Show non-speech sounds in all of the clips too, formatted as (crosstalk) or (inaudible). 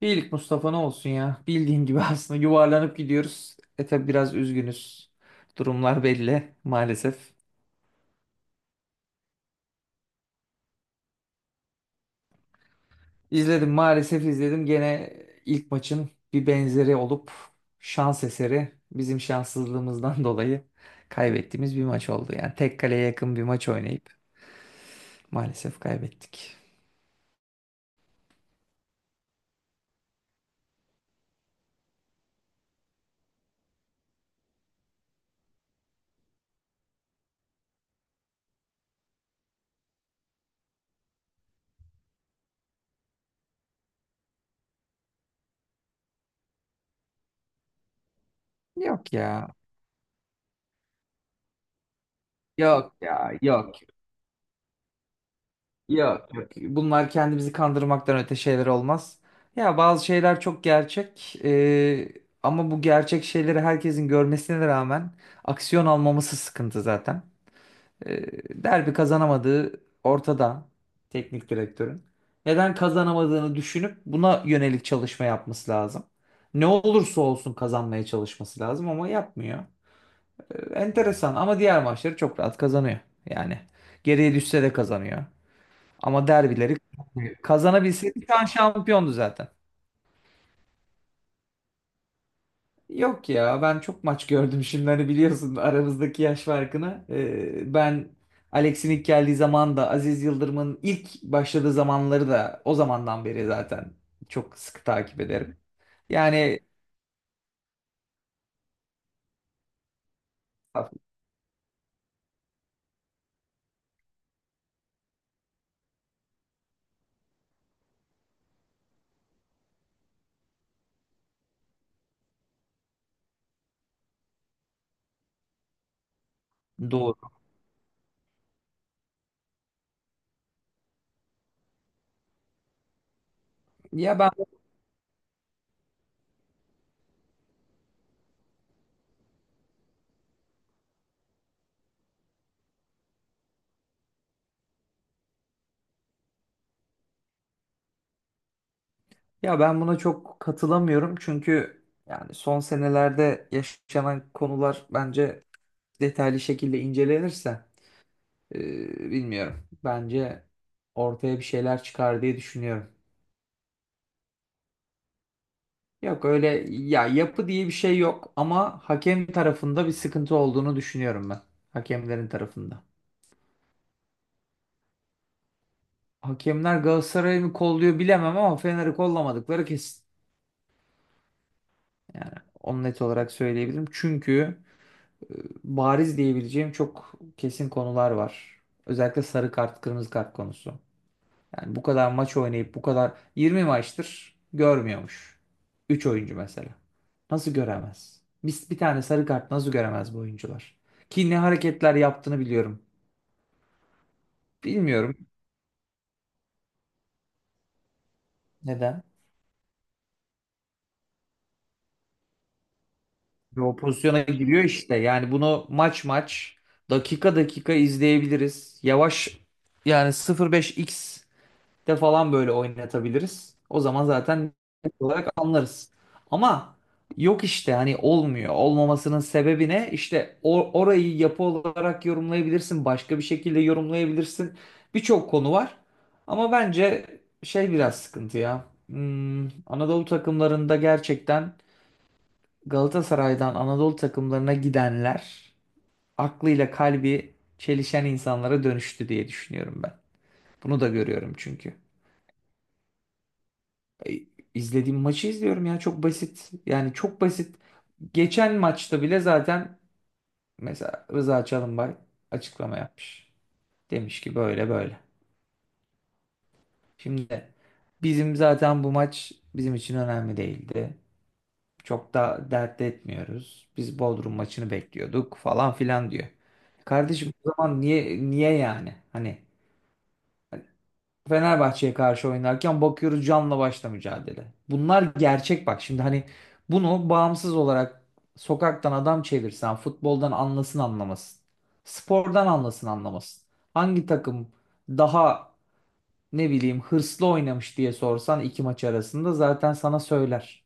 İyilik Mustafa ne olsun ya. Bildiğin gibi (laughs) aslında yuvarlanıp gidiyoruz. Tabi biraz üzgünüz. Durumlar belli maalesef. İzledim maalesef izledim. Gene ilk maçın bir benzeri olup şans eseri bizim şanssızlığımızdan (laughs) dolayı kaybettiğimiz bir maç oldu. Yani tek kaleye yakın bir maç oynayıp maalesef kaybettik. Yok ya. Yok ya. Yok. Yok, yok. Bunlar kendimizi kandırmaktan öte şeyler olmaz. Ya bazı şeyler çok gerçek. Ama bu gerçek şeyleri herkesin görmesine rağmen aksiyon almaması sıkıntı zaten. Eee, derbi kazanamadığı ortada teknik direktörün. Neden kazanamadığını düşünüp buna yönelik çalışma yapması lazım. Ne olursa olsun kazanmaya çalışması lazım ama yapmıyor. Enteresan ama diğer maçları çok rahat kazanıyor. Yani geriye düşse de kazanıyor. Ama derbileri kazanabilseydi şu an şampiyondu zaten. Yok ya, ben çok maç gördüm şimdi, hani biliyorsun aramızdaki yaş farkını. Ben Alex'in ilk geldiği zaman da Aziz Yıldırım'ın ilk başladığı zamanları da o zamandan beri zaten çok sıkı takip ederim. Yani doğru. Ya ben ya ben buna çok katılamıyorum, çünkü yani son senelerde yaşanan konular bence detaylı şekilde incelenirse, bilmiyorum, bence ortaya bir şeyler çıkar diye düşünüyorum. Yok öyle, ya yapı diye bir şey yok ama hakem tarafında bir sıkıntı olduğunu düşünüyorum ben. Hakemlerin tarafında. Hakemler Galatasaray'ı mı kolluyor bilemem ama Fener'i kollamadıkları kesin. Yani onu net olarak söyleyebilirim. Çünkü e, bariz diyebileceğim çok kesin konular var. Özellikle sarı kart, kırmızı kart konusu. Yani bu kadar maç oynayıp bu kadar 20 maçtır görmüyormuş. Üç oyuncu mesela. Nasıl göremez? Biz bir tane sarı kart nasıl göremez bu oyuncular? Ki ne hareketler yaptığını biliyorum. Bilmiyorum neden. Ve o pozisyona giriyor işte. Yani bunu maç maç, dakika dakika izleyebiliriz. Yavaş, yani 0,5x de falan böyle oynatabiliriz. O zaman zaten net olarak anlarız. Ama yok işte, hani olmuyor. Olmamasının sebebi ne? İşte orayı yapı olarak yorumlayabilirsin. Başka bir şekilde yorumlayabilirsin. Birçok konu var. Ama bence şey biraz sıkıntı ya. Anadolu takımlarında gerçekten Galatasaray'dan Anadolu takımlarına gidenler aklıyla kalbi çelişen insanlara dönüştü diye düşünüyorum ben. Bunu da görüyorum çünkü. E, izlediğim maçı izliyorum ya, çok basit. Yani çok basit. Geçen maçta bile zaten mesela Rıza Çalımbay açıklama yapmış. Demiş ki böyle böyle. Şimdi bizim zaten bu maç bizim için önemli değildi. Çok da dert etmiyoruz. Biz Bodrum maçını bekliyorduk falan filan diyor. Kardeşim o zaman niye, niye yani? Hani Fenerbahçe'ye karşı oynarken bakıyoruz canla başla mücadele. Bunlar gerçek bak. Şimdi hani bunu bağımsız olarak sokaktan adam çevirsen futboldan anlasın anlamasın, spordan anlasın anlamasın, hangi takım daha, ne bileyim, hırslı oynamış diye sorsan iki maç arasında zaten sana söyler.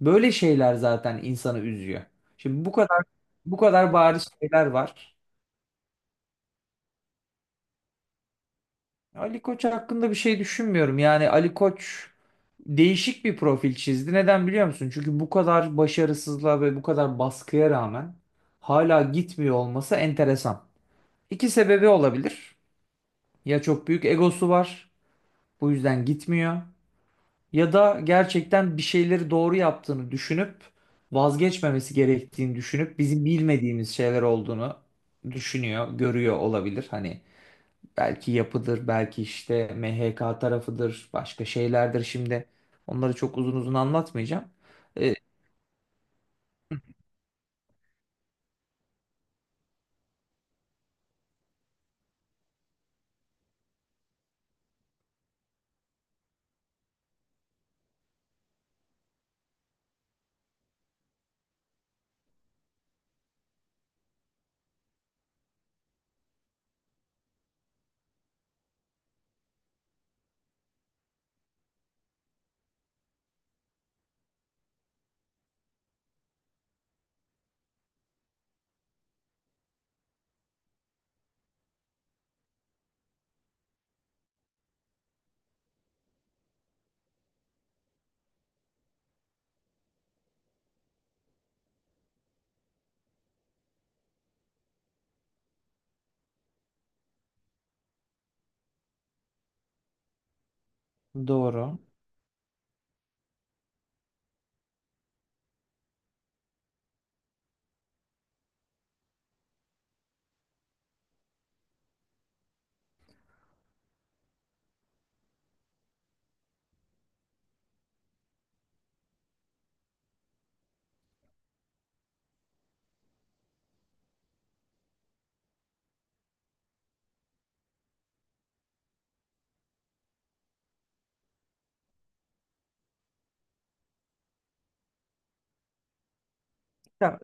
Böyle şeyler zaten insanı üzüyor. Şimdi bu kadar, bu kadar bariz şeyler var. Ali Koç hakkında bir şey düşünmüyorum. Yani Ali Koç değişik bir profil çizdi. Neden biliyor musun? Çünkü bu kadar başarısızlığa ve bu kadar baskıya rağmen hala gitmiyor olması enteresan. İki sebebi olabilir. Ya çok büyük egosu var, bu yüzden gitmiyor. Ya da gerçekten bir şeyleri doğru yaptığını düşünüp, vazgeçmemesi gerektiğini düşünüp, bizim bilmediğimiz şeyler olduğunu düşünüyor, görüyor olabilir. Hani belki yapıdır, belki işte MHK tarafıdır, başka şeylerdir şimdi. Onları çok uzun uzun anlatmayacağım. E, doğru. Ya,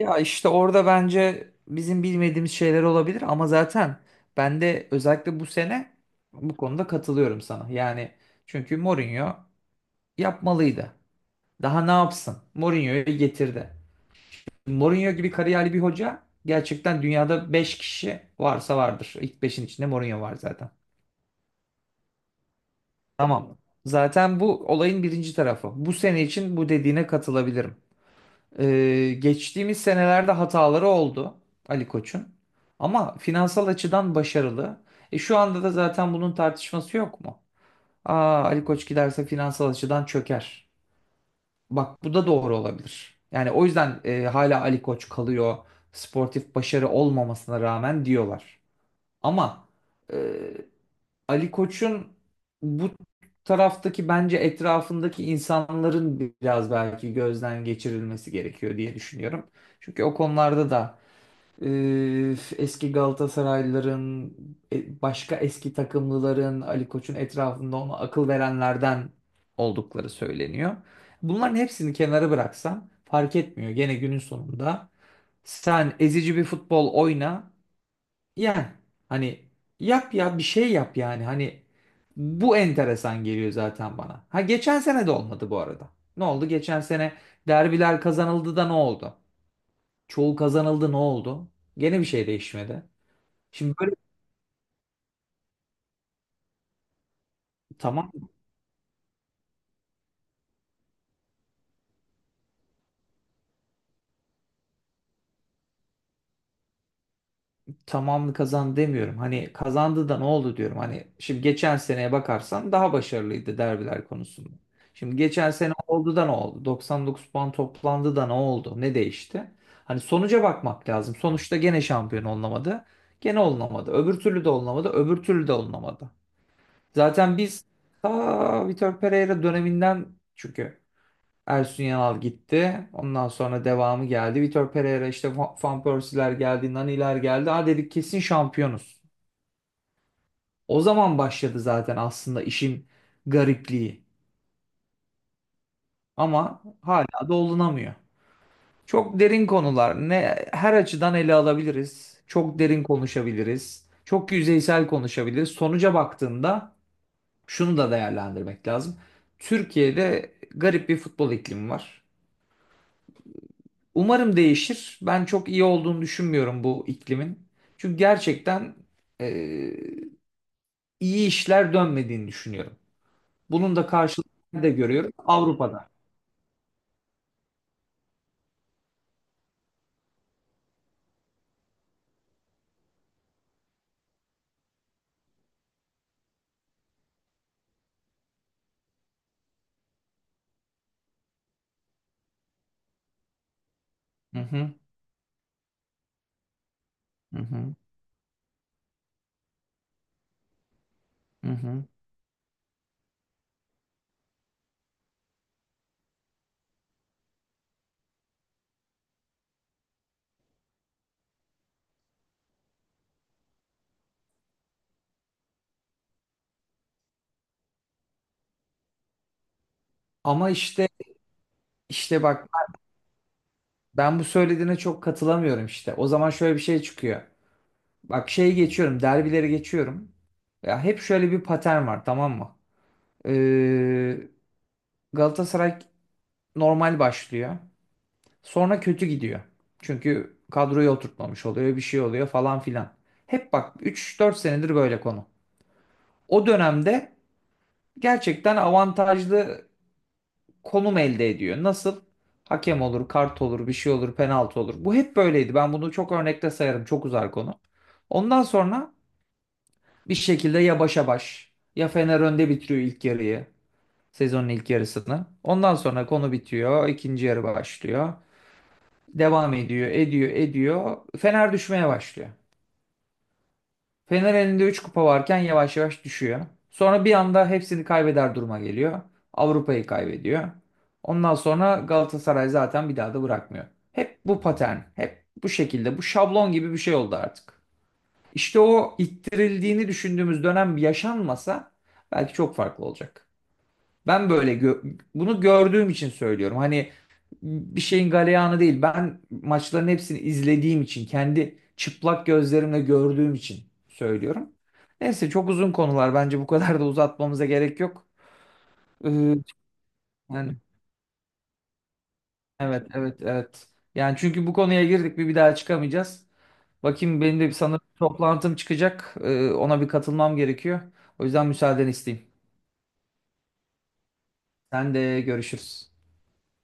ya işte orada bence bizim bilmediğimiz şeyler olabilir ama zaten ben de özellikle bu sene bu konuda katılıyorum sana. Yani çünkü Mourinho yapmalıydı. Daha ne yapsın? Mourinho'yu getirdi. Mourinho gibi kariyerli bir hoca gerçekten dünyada 5 kişi varsa vardır. İlk beşin içinde Mourinho var zaten. Tamam. Zaten bu olayın birinci tarafı. Bu sene için bu dediğine katılabilirim. Geçtiğimiz senelerde hataları oldu Ali Koç'un. Ama finansal açıdan başarılı. Şu anda da zaten bunun tartışması yok mu? Ali Koç giderse finansal açıdan çöker. Bak bu da doğru olabilir. Yani o yüzden hala Ali Koç kalıyor. Sportif başarı olmamasına rağmen diyorlar. Ama e, Ali Koç'un bu taraftaki, bence etrafındaki insanların biraz belki gözden geçirilmesi gerekiyor diye düşünüyorum. Çünkü o konularda da e, eski Galatasaraylıların, başka eski takımlıların, Ali Koç'un etrafında ona akıl verenlerden oldukları söyleniyor. Bunların hepsini kenara bıraksam fark etmiyor. Gene günün sonunda sen ezici bir futbol oyna. Yani hani yap ya, bir şey yap yani, hani bu enteresan geliyor zaten bana. Ha geçen sene de olmadı bu arada. Ne oldu? Geçen sene derbiler kazanıldı da ne oldu? Çoğu kazanıldı ne oldu? Gene bir şey değişmedi. Şimdi böyle, tamam, tamamını kazandı demiyorum. Hani kazandı da ne oldu diyorum. Hani şimdi geçen seneye bakarsan daha başarılıydı derbiler konusunda. Şimdi geçen sene oldu da ne oldu? 99 puan toplandı da ne oldu? Ne değişti? Hani sonuca bakmak lazım. Sonuçta gene şampiyon olunamadı. Gene olunamadı. Öbür türlü de olunamadı. Öbür türlü de olunamadı. Zaten biz ta Vitor Pereira döneminden, çünkü Ersun Yanal gitti. Ondan sonra devamı geldi. Vitor Pereira işte, Van Persie'ler geldi, Nani'ler geldi. Ha dedik kesin şampiyonuz. O zaman başladı zaten aslında işin garipliği. Ama hala dolunamıyor. Çok derin konular. Ne her açıdan ele alabiliriz. Çok derin konuşabiliriz. Çok yüzeysel konuşabiliriz. Sonuca baktığında şunu da değerlendirmek lazım. Türkiye'de garip bir futbol iklimi var. Umarım değişir. Ben çok iyi olduğunu düşünmüyorum bu iklimin. Çünkü gerçekten e, iyi işler dönmediğini düşünüyorum. Bunun da karşılığını da görüyorum Avrupa'da. Hı hı, hı hı, hı hı. Ama işte bak, ben bu söylediğine çok katılamıyorum işte. O zaman şöyle bir şey çıkıyor. Bak şeyi geçiyorum, derbileri geçiyorum. Ya hep şöyle bir patern var, tamam mı? Ee, Galatasaray normal başlıyor. Sonra kötü gidiyor. Çünkü kadroyu oturtmamış oluyor, bir şey oluyor falan filan. Hep bak üç dört senedir böyle konu. O dönemde gerçekten avantajlı konum elde ediyor. Nasıl? Hakem olur, kart olur, bir şey olur, penaltı olur. Bu hep böyleydi. Ben bunu çok örnekte sayarım. Çok uzar konu. Ondan sonra bir şekilde ya başa baş, ya Fener önde bitiriyor ilk yarıyı. Sezonun ilk yarısını. Ondan sonra konu bitiyor. İkinci yarı başlıyor. Devam ediyor, ediyor, ediyor. Fener düşmeye başlıyor. Fener elinde 3 kupa varken yavaş yavaş düşüyor. Sonra bir anda hepsini kaybeder duruma geliyor. Avrupa'yı kaybediyor. Ondan sonra Galatasaray zaten bir daha da bırakmıyor. Hep bu patern, hep bu şekilde, bu şablon gibi bir şey oldu artık. İşte o ittirildiğini düşündüğümüz dönem yaşanmasa belki çok farklı olacak. Ben böyle bunu gördüğüm için söylüyorum. Hani bir şeyin galeyanı değil. Ben maçların hepsini izlediğim için, kendi çıplak gözlerimle gördüğüm için söylüyorum. Neyse çok uzun konular. Bence bu kadar da uzatmamıza gerek yok. Ee, yani evet evet evet. Yani çünkü bu konuya girdik bir daha çıkamayacağız. Bakayım benim de sanırım toplantım çıkacak. Ona bir katılmam gerekiyor. O yüzden müsaadeni isteyeyim. Sen de görüşürüz.